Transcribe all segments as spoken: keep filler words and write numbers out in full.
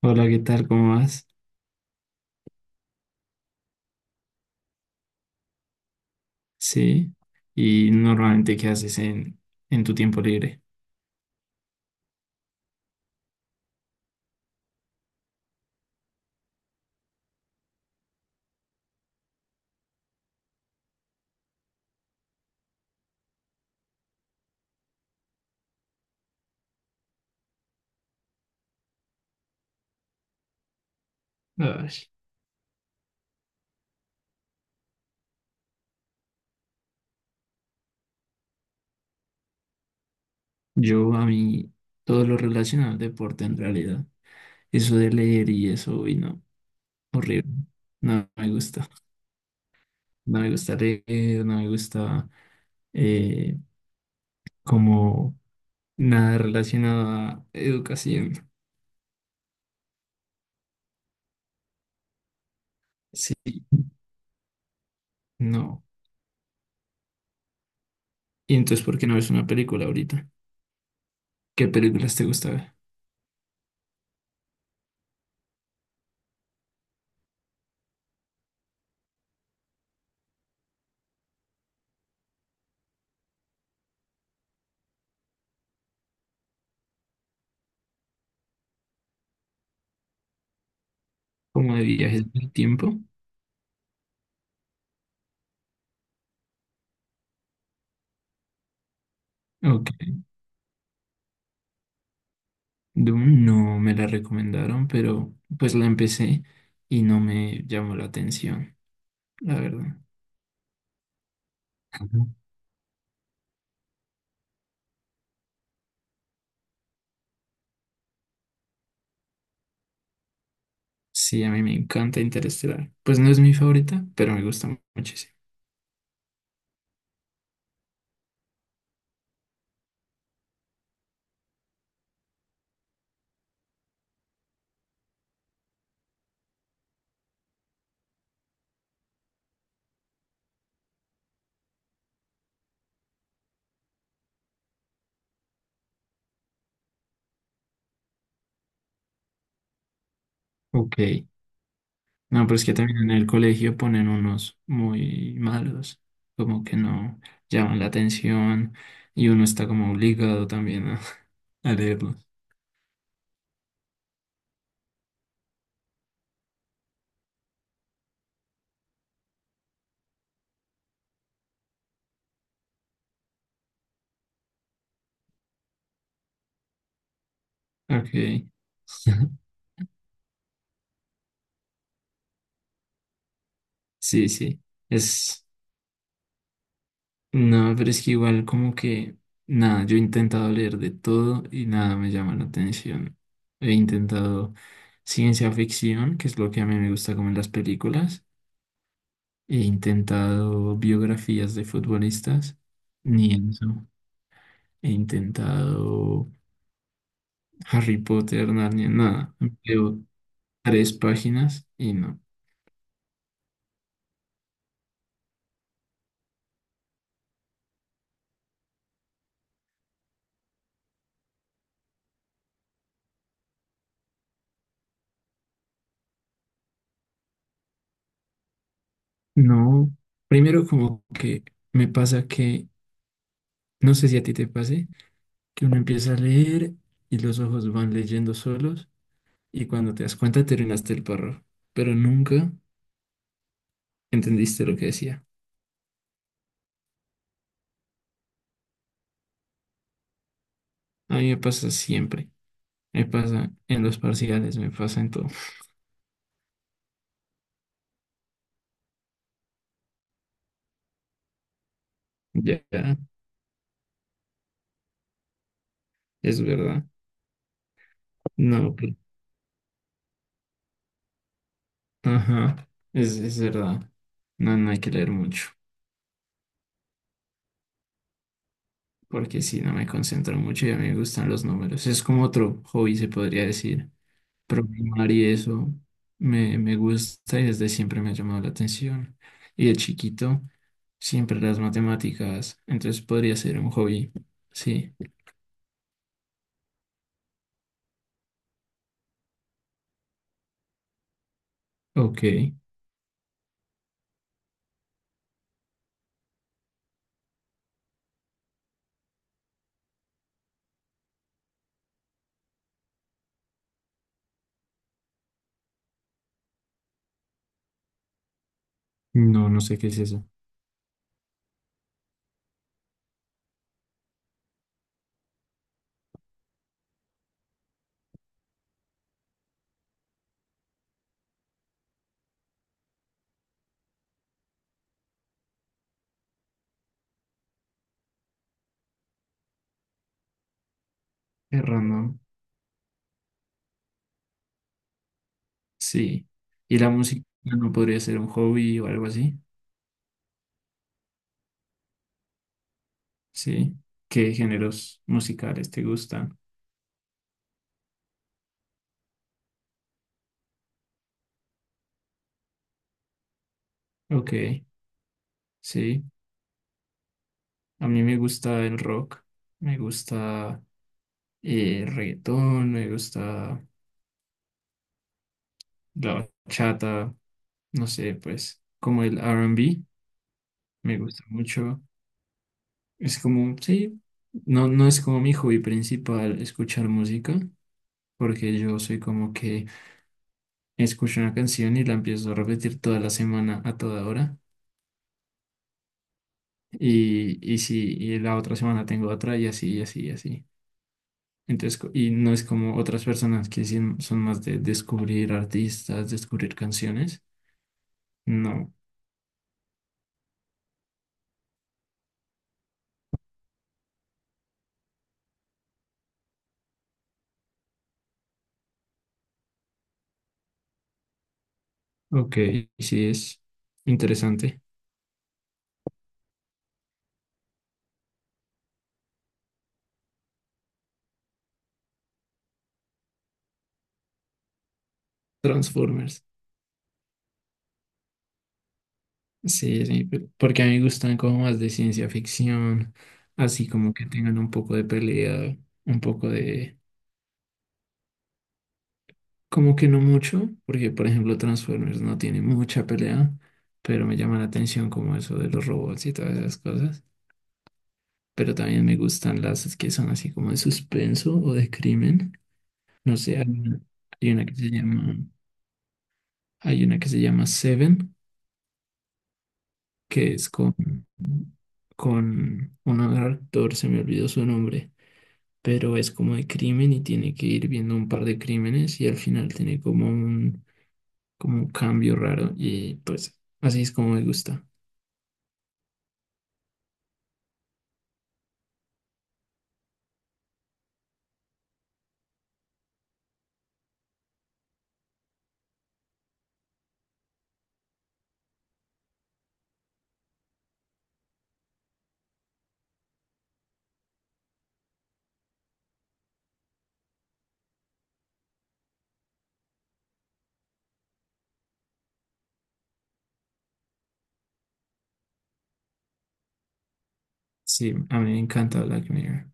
Hola, ¿qué tal? ¿Cómo vas? Sí. ¿Y normalmente qué haces en, en tu tiempo libre? Ay, Yo a mí todo lo relacionado al deporte en realidad. Eso de leer y eso, uy, no, horrible. No me gusta. No me gusta leer, no me gusta eh, como nada relacionado a educación. Sí, no. ¿Y entonces por qué no ves una película ahorita? ¿Qué películas te gusta ver? ¿Como de viajes del tiempo? Ok. Doom no me la recomendaron, pero pues la empecé y no me llamó la atención, la verdad. Ujú. Sí, a mí me encanta Interestelar. Pues no es mi favorita, pero me gusta mu- muchísimo. Ok. No, pero es que también en el colegio ponen unos muy malos, como que no llaman la atención y uno está como obligado también a, a leerlos. Ok. Sí, sí. Es. No, pero es que igual como que, nada, yo he intentado leer de todo y nada me llama la atención. He intentado ciencia ficción, que es lo que a mí me gusta como en las películas. He intentado biografías de futbolistas, ni eso. He intentado Harry Potter, Narnia, nada. Leo tres páginas y no. No, primero como que me pasa que, no sé si a ti te pase que uno empieza a leer y los ojos van leyendo solos y cuando te das cuenta terminaste el párrafo, pero nunca entendiste lo que decía. A mí me pasa siempre, me pasa en los parciales, me pasa en todo. Ya, es verdad. No, pues, ajá, es, es verdad. No, no hay que leer mucho, porque si no me concentro mucho y a mí me gustan los números. Es como otro hobby, se podría decir. Programar y eso me, me gusta y desde siempre me ha llamado la atención. Y de chiquito, siempre las matemáticas, entonces podría ser un hobby. Sí, ok. No, no sé qué es eso. Es random. Sí. ¿Y la música no podría ser un hobby o algo así? Sí. ¿Qué géneros musicales te gustan? Ok, sí. A mí me gusta el rock, me gusta eh, reggaetón, me gusta la bachata. No sé, pues como el R and B, me gusta mucho. Es como, sí, no, no es como mi hobby principal escuchar música, porque yo soy como que escucho una canción y la empiezo a repetir toda la semana a toda hora. Y, y sí, y la otra semana tengo otra y así, y así, y así. Entonces, co- y no es como otras personas que sí son más de descubrir artistas, descubrir canciones. No. Ok, sí es interesante. Transformers. Sí, sí, pe- porque a mí me gustan como más de ciencia ficción, así como que tengan un poco de pelea, un poco de... Como que no mucho, porque por ejemplo Transformers no tiene mucha pelea, pero me llama la atención como eso de los robots y todas esas cosas. Pero también me gustan las que son así como de suspenso o de crimen. No sé, hay una, hay una que se llama, hay una que se llama Seven, que es con, con, un actor, se me olvidó su nombre pero es como de crimen y tiene que ir viendo un par de crímenes y al final tiene como un, como un cambio raro y pues así es como me gusta. Sí, a mí me encanta Black Mirror.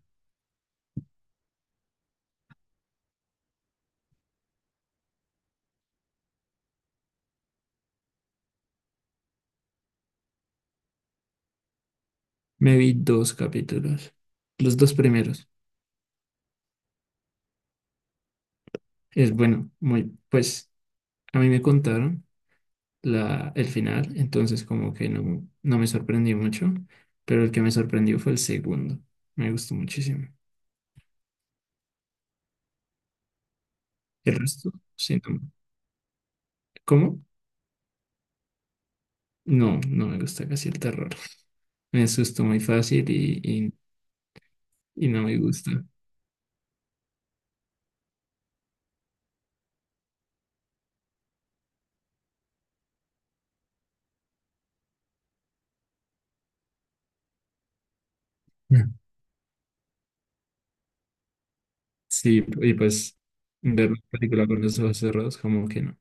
Me vi dos capítulos, los dos primeros. Es bueno, muy, pues a mí me contaron la, el final, entonces como que no, no me sorprendió mucho, pero el que me sorprendió fue el segundo. Me gustó muchísimo. El resto, sí, no. ¿Cómo? No, no me gusta casi el terror. Me asusto muy fácil y, y, y no me gusta. Ya. Sí, y pues ver una película con los ojos cerrados, como que no,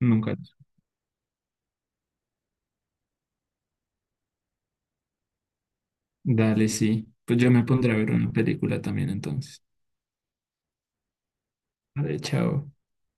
nunca. Dale, sí. Pues yo me pondré a ver una película también entonces. Vale, chao.